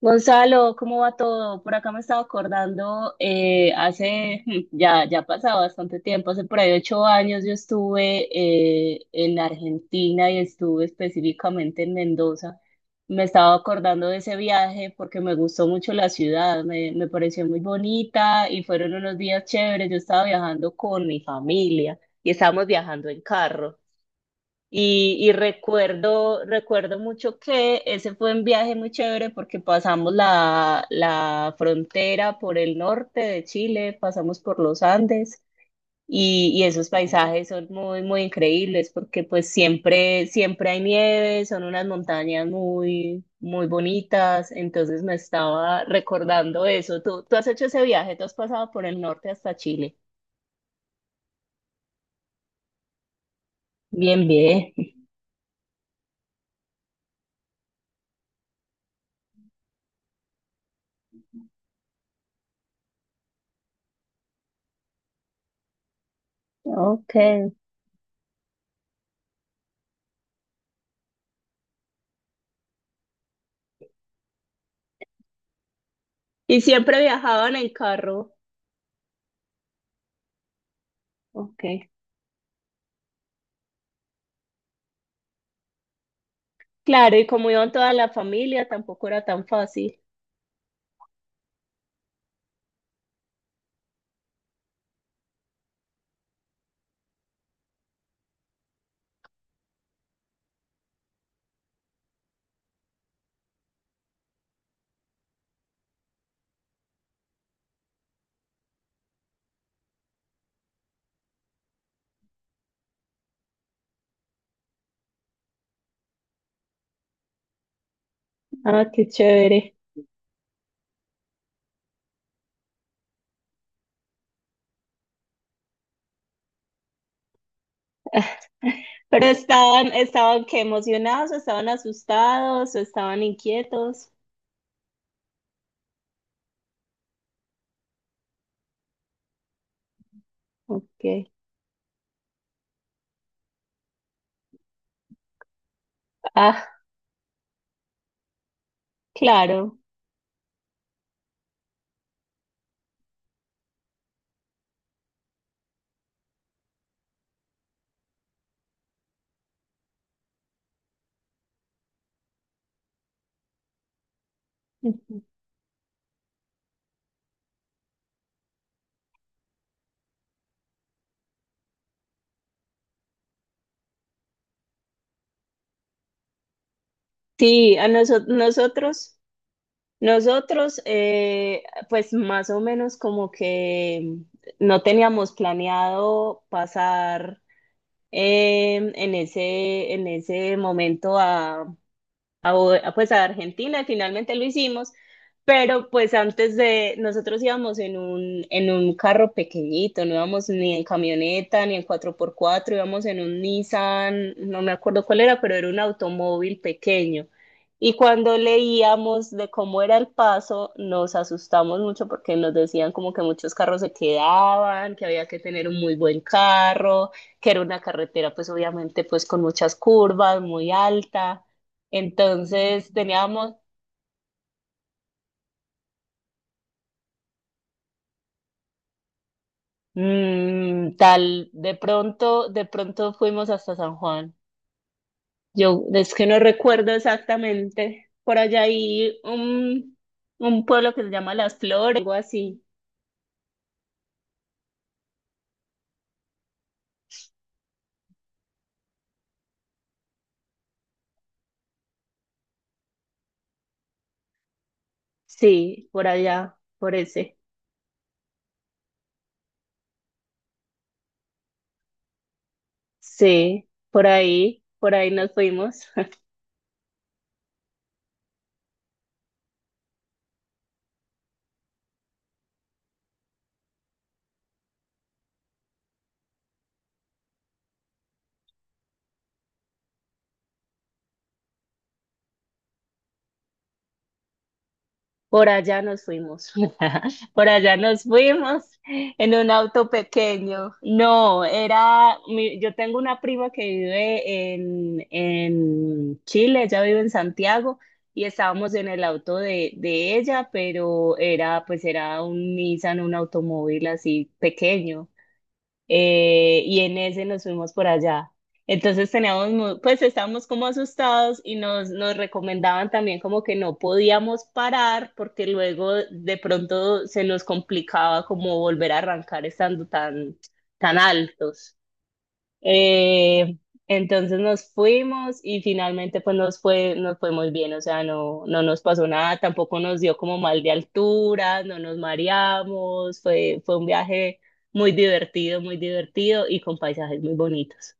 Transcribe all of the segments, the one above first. Gonzalo, ¿cómo va todo? Por acá me estaba acordando, hace, ya, ya ha pasado bastante tiempo. Hace por ahí 8 años yo estuve en Argentina y estuve específicamente en Mendoza. Me estaba acordando de ese viaje porque me gustó mucho la ciudad, me pareció muy bonita y fueron unos días chéveres. Yo estaba viajando con mi familia y estábamos viajando en carro. Y recuerdo mucho que ese fue un viaje muy chévere, porque pasamos la frontera por el norte de Chile, pasamos por los Andes y esos paisajes son muy, muy increíbles, porque pues siempre, siempre hay nieve, son unas montañas muy, muy bonitas. Entonces me estaba recordando eso. ¿Tú has hecho ese viaje? ¿Tú has pasado por el norte hasta Chile? Bien, bien. Ok. ¿Y siempre viajaban en carro? Ok. Claro, y como iban toda la familia, tampoco era tan fácil. Ah, qué chévere. Pero estaban qué emocionados, o estaban asustados, o estaban inquietos. Ok. Ah, claro. Ujú. Sí, a nosotros, pues más o menos como que no teníamos planeado pasar en ese momento a pues a Argentina, y finalmente lo hicimos. Pero pues antes, de nosotros íbamos en un carro pequeñito, no íbamos ni en camioneta, ni en cuatro por cuatro, íbamos en un Nissan, no me acuerdo cuál era, pero era un automóvil pequeño. Y cuando leíamos de cómo era el paso, nos asustamos mucho porque nos decían como que muchos carros se quedaban, que había que tener un muy buen carro, que era una carretera, pues obviamente, pues con muchas curvas, muy alta. Entonces teníamos, tal, de pronto fuimos hasta San Juan. Yo es que no recuerdo exactamente. Por allá hay un pueblo que se llama Las Flores, algo así. Sí, por allá, por ese. Sí, por ahí nos fuimos. Por allá nos fuimos, por allá nos fuimos en un auto pequeño. No, era, mi- Yo tengo una prima que vive en Chile, ella vive en Santiago, y estábamos en el auto de ella, pero era, pues era un Nissan, un automóvil así pequeño. Y en ese nos fuimos por allá. Pues estábamos como asustados y nos recomendaban también como que no podíamos parar, porque luego de pronto se nos complicaba como volver a arrancar, estando tan, tan altos. Eh, entonces nos fuimos y finalmente pues nos fue muy bien, o sea, no, no nos pasó nada, tampoco nos dio como mal de altura, no nos mareamos. Fue un viaje muy divertido y con paisajes muy bonitos.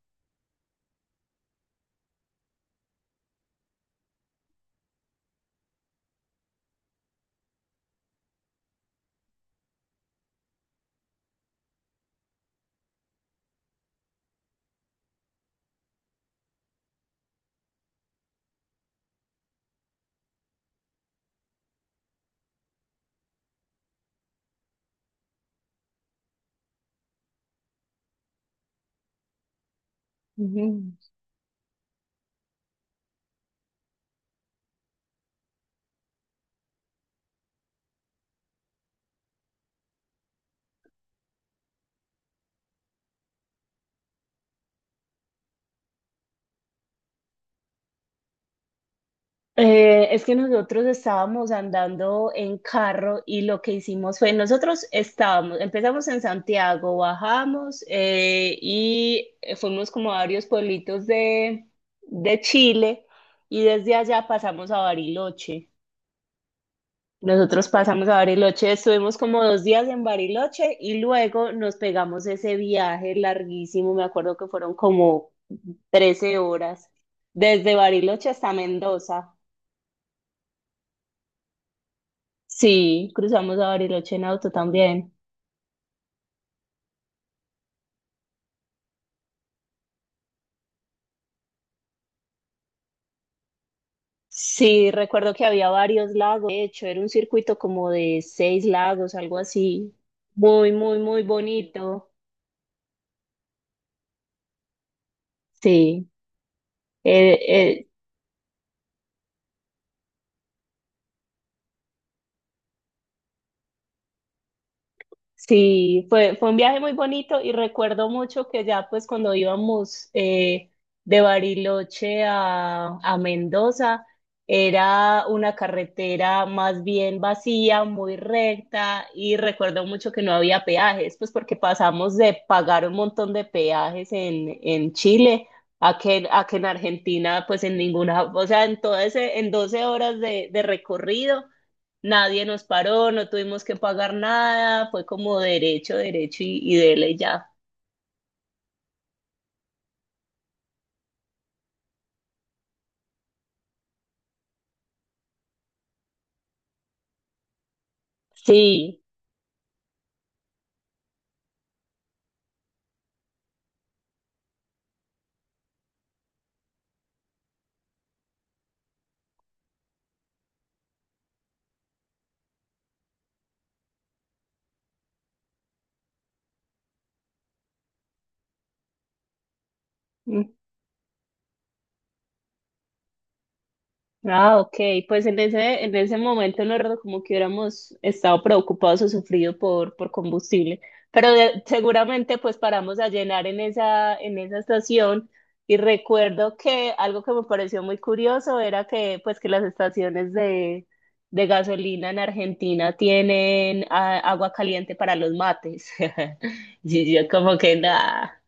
Es que nosotros estábamos andando en carro, y lo que hicimos fue, nosotros estábamos, empezamos en Santiago. Bajamos y fuimos como a varios pueblitos de Chile y desde allá pasamos a Bariloche. Nosotros pasamos a Bariloche, estuvimos como 2 días en Bariloche y luego nos pegamos ese viaje larguísimo. Me acuerdo que fueron como 13 horas desde Bariloche hasta Mendoza. Sí, cruzamos a Bariloche en auto también. Sí, recuerdo que había varios lagos. De hecho, era un circuito como de seis lagos, algo así. Muy, muy, muy bonito. Sí, eh, eh, sí, fue, fue un viaje muy bonito y recuerdo mucho que ya pues cuando íbamos de Bariloche a Mendoza, era una carretera más bien vacía, muy recta, y recuerdo mucho que no había peajes, pues porque pasamos de pagar un montón de peajes en Chile, a que en Argentina pues en ninguna, o sea, en todo ese, en 12 horas de recorrido. Nadie nos paró, no tuvimos que pagar nada, fue como derecho, derecho y dele ya. Sí. Ah, ok, pues en ese momento no recuerdo como que hubiéramos estado preocupados o sufrido por combustible, pero seguramente pues paramos a llenar en esa estación, y recuerdo que algo que me pareció muy curioso era que, pues, que las estaciones de gasolina en Argentina tienen agua caliente para los mates. Y yo como que nada.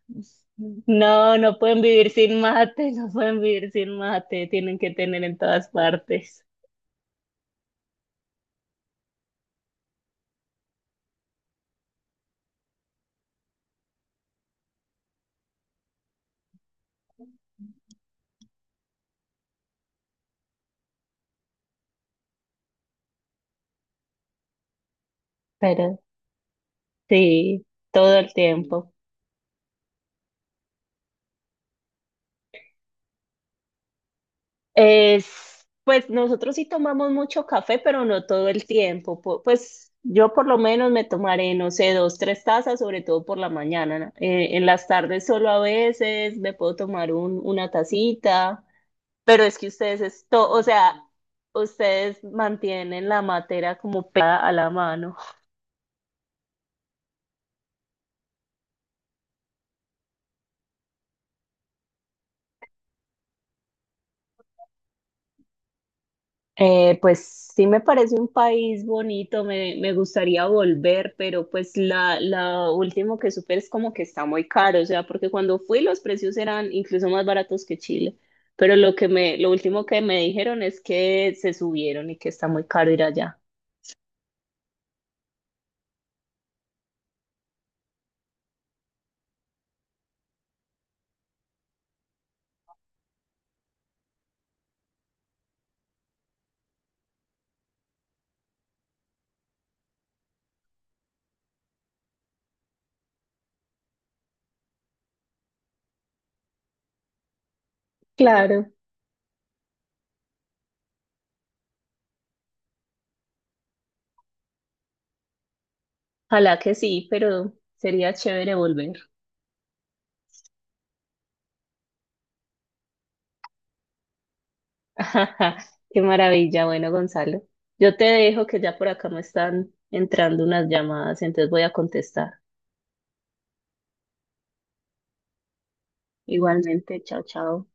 No, no pueden vivir sin mate, no pueden vivir sin mate, tienen que tener en todas partes, pero sí, todo el tiempo. Es, pues nosotros sí tomamos mucho café, pero no todo el tiempo. Pues yo por lo menos me tomaré, no sé, dos, tres tazas, sobre todo por la mañana, ¿no? En las tardes solo a veces me puedo tomar una tacita, pero es que ustedes esto, o sea, ustedes mantienen la matera como pegada a la mano. Pues sí me parece un país bonito, me gustaría volver, pero pues la último que supe es como que está muy caro, o sea, porque cuando fui los precios eran incluso más baratos que Chile, pero lo último que me dijeron es que se subieron y que está muy caro ir allá. Claro, ojalá que sí, pero sería chévere volver. Qué maravilla. Bueno, Gonzalo, yo te dejo que ya por acá me están entrando unas llamadas, entonces voy a contestar. Igualmente, chao, chao.